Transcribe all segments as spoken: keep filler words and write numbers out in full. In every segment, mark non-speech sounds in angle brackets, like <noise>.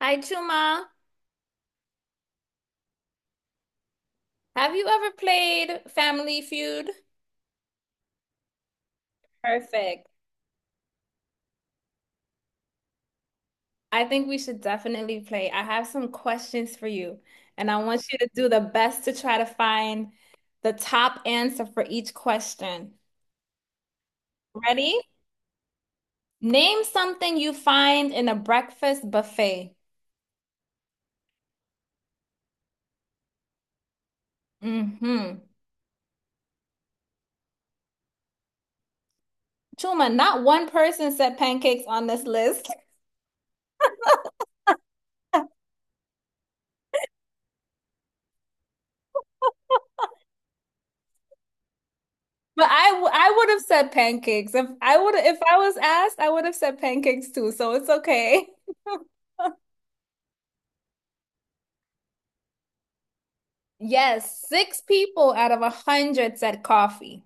Hi, Chuma. Have you ever played Family Feud? Perfect. I think we should definitely play. I have some questions for you, and I want you to do the best to try to find the top answer for each question. Ready? Name something you find in a breakfast buffet. Hmm. Chuma, not one person said pancakes on this list, but I, w- I would have said pancakes. If I would, if I was asked, I would have said pancakes too, so it's okay. <laughs> Yes, six people out of a hundred said coffee.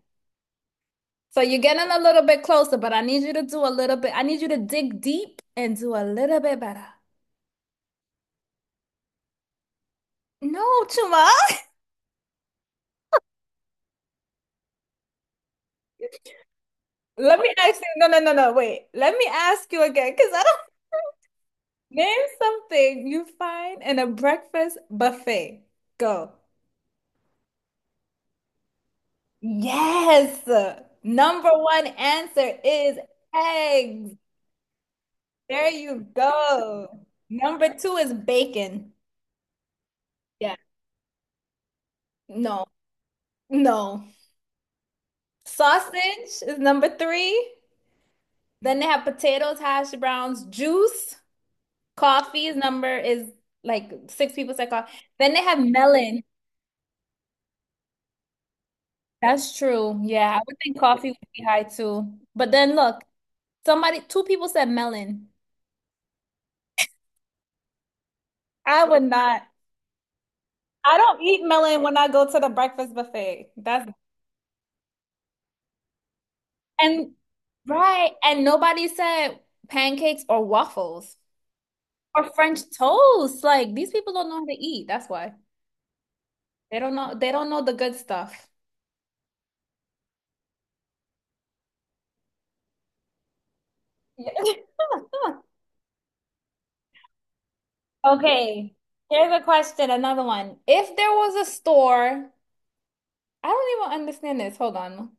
So you're getting a little bit closer, but I need you to do a little bit. I need you to dig deep and do a little bit better. No, Chuma. <laughs> Let me ask you. No, no, no, no. Wait. Let me ask you again, because I don't. Name something you find in a breakfast buffet. Go. Yes. Number one answer is eggs. There you go. Number two is bacon. Yeah. No, no. Sausage is number three. Then they have potatoes, hash browns, juice, coffee is number is like six people said coffee. Then they have melon. That's true. Yeah, I would think coffee would be high too. But then look, somebody, two people said melon. I would not. I don't eat melon when I go to the breakfast buffet. That's and right. And nobody said pancakes or waffles or French toast. Like these people don't know how to eat. That's why. They don't know they don't know the good stuff. Yeah. <laughs> Okay, here's a question, another one. If there was a store, I don't even understand this. Hold on.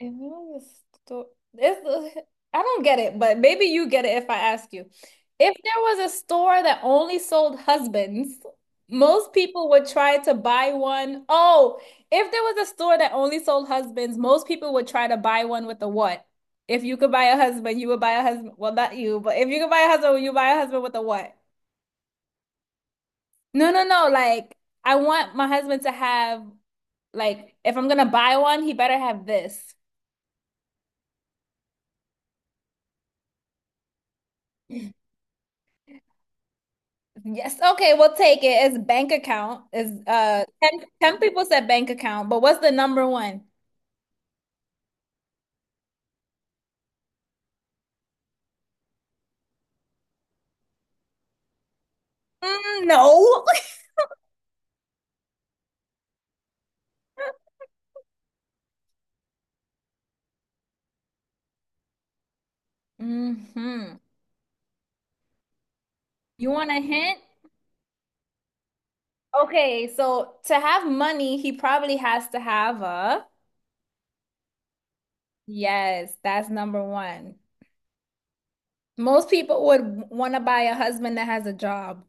If it was a sto- it's, I don't get it, but maybe you get it if I ask you. If there was a store that only sold husbands, most people would try to buy one. Oh, if there was a store that only sold husbands, most people would try to buy one with a what? If you could buy a husband, you would buy a husband. Well, not you, but if you could buy a husband, you buy a husband with a what? No, no, no. Like, I want my husband to have, like, if I'm gonna buy one, he better have this. Yes. Okay, we'll take it. It's bank account. Is uh ten, ten people said bank account, but what's the number one? Mm, no. <laughs> Mm-hmm. You want a hint? Okay, so to have money, he probably has to have a. Yes, that's number one. Most people would want to buy a husband that has a job.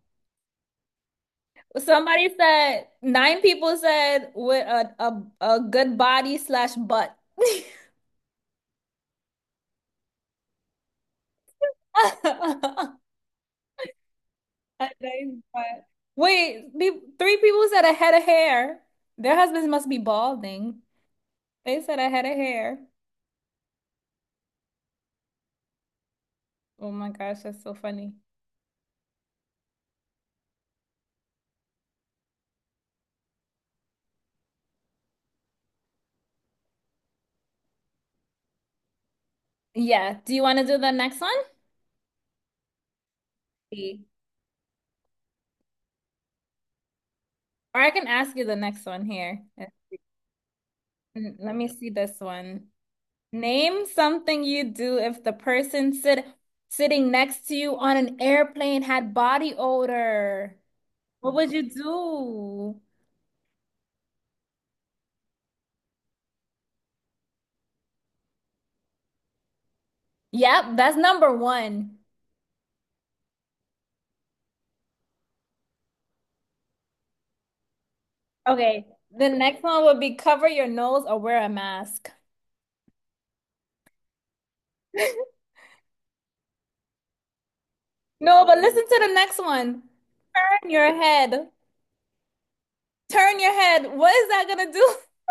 Somebody said nine people said with a a, a good body slash butt. <laughs> And they but wait, pe- three people said a head of hair. Their husbands must be balding. They said a head of hair. Oh my gosh, that's so funny. Yeah. Do you want to do the next one? See. Or I can ask you the next one here. Mm, Let me see this one. Name something you do if the person sit sitting next to you on an airplane had body odor. What would you do? Yep, that's number one. Okay, the next one would be cover your nose or wear a mask. No, but listen to the next one. Turn your head. Turn your head. What is that gonna do? <laughs>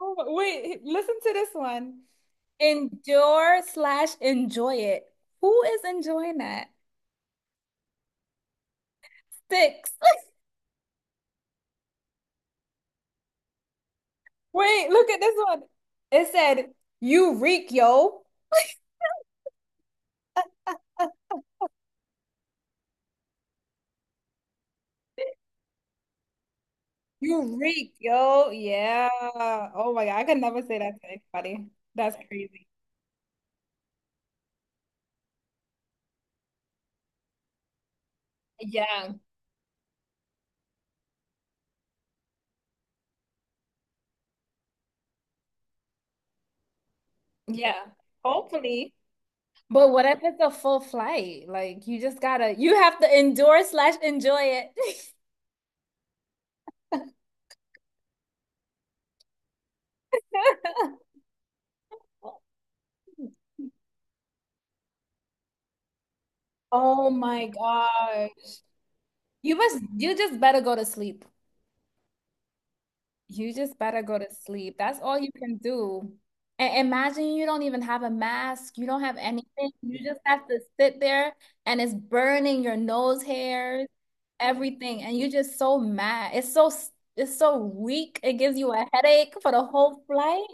Oh, my- wait, listen to this one. Endure slash enjoy it. Who is enjoying that? Six. <laughs> Wait, look at this one. It said, you reek, yo. You reek, yo. Yeah. Oh my God. I could never say that to anybody. That's crazy. Yeah. Yeah. Hopefully. But what if it's a full flight? Like you just gotta, you have to endure slash enjoy it. <laughs> Oh my God. You must, you just better go to sleep. You just better go to sleep. That's all you can do. And imagine you don't even have a mask. You don't have anything. You just have to sit there and it's burning your nose hairs, everything. And you're just so mad. It's so, it's so weak. It gives you a headache for the whole flight.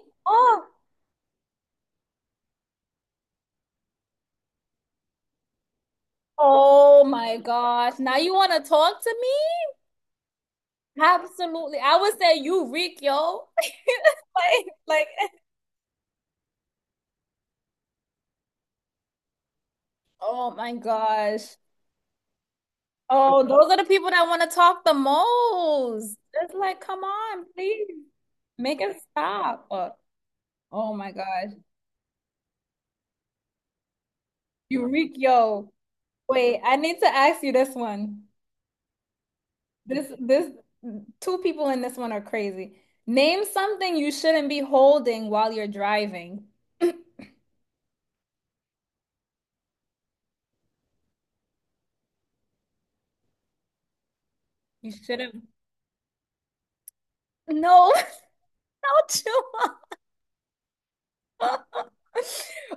Oh my gosh. Now you want to talk to me? Absolutely. I would say you reek, yo. <laughs> Like, like, oh my gosh. Oh, those are the people that want to talk the most. It's like, come on, please. Make it stop. Oh, oh my gosh. You reek, yo. Wait, I need to ask you this one. This, this, two people in this one are crazy. Name something you shouldn't be holding while you're driving. <clears throat> You shouldn't. No, <laughs> not Chua. <laughs>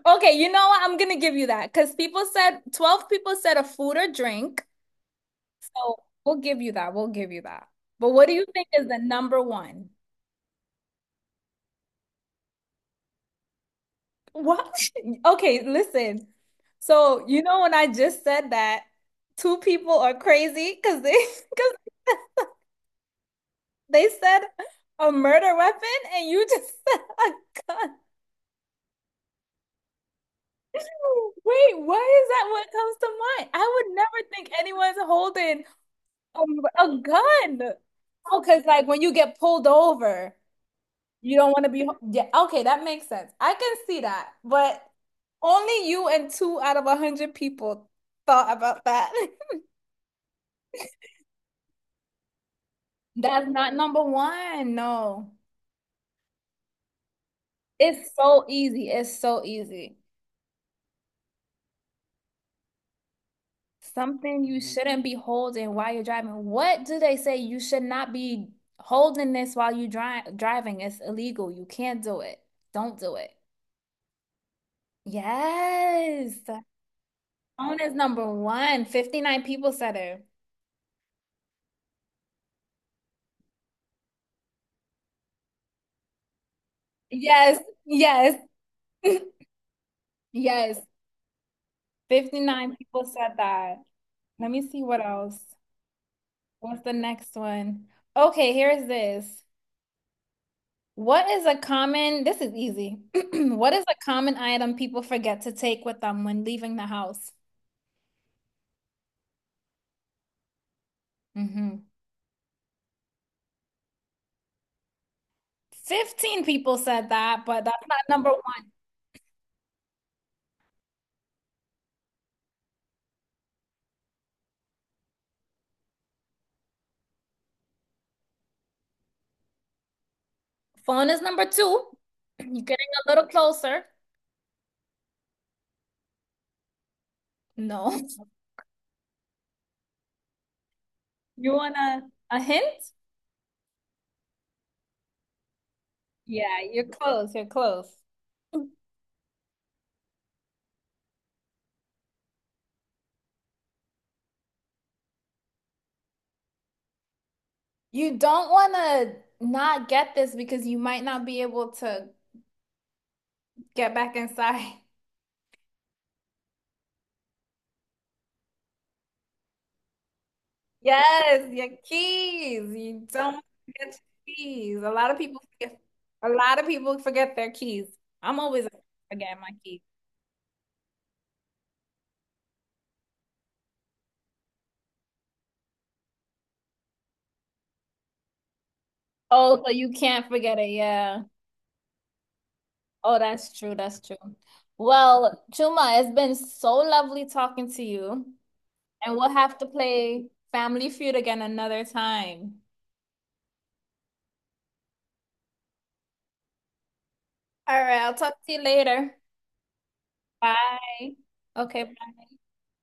Okay, you know what? I'm gonna give you that because people said twelve people said a food or drink. So we'll give you that. We'll give you that. But what do you think is the number one? What? <laughs> Okay, listen. So you know when I just said that two people are crazy because they <laughs> because they said a murder weapon and you just <laughs> said a gun. Wait, why is that what comes to mind? I would never think anyone's holding Um, a gun. Oh, because like when you get pulled over, you don't want to be. Yeah, okay, that makes sense. I can see that, but only you and two out of a hundred people thought about that. <laughs> That's not number one. No, it's so easy. It's so easy. Something you shouldn't be holding while you're driving. What do they say? You should not be holding this while you dri driving. It's illegal. You can't do it. Don't do it. Yes. Phone is number one. fifty-nine people said it. Yes, yes, yes. fifty-nine people said that. Let me see what else. What's the next one? Okay, here's this. What is a common, this is easy. <clears throat> What is a common item people forget to take with them when leaving the house? Hmm. fifteen people said that, but that's not number one. Phone is number two. <clears throat> You're getting a little closer. No. <laughs> You want a, a hint? Yeah, you're close. You're close. You don't want to not get this because you might not be able to get back inside. <laughs> Yes, your keys. You don't want to forget your keys. A lot of people forget, a lot of people forget their keys. I'm always forgetting my keys. Oh, so you can't forget it. Yeah. Oh, that's true. That's true. Well, Chuma, it's been so lovely talking to you, and we'll have to play Family Feud again another time. All right, I'll talk to you later. Bye. Okay,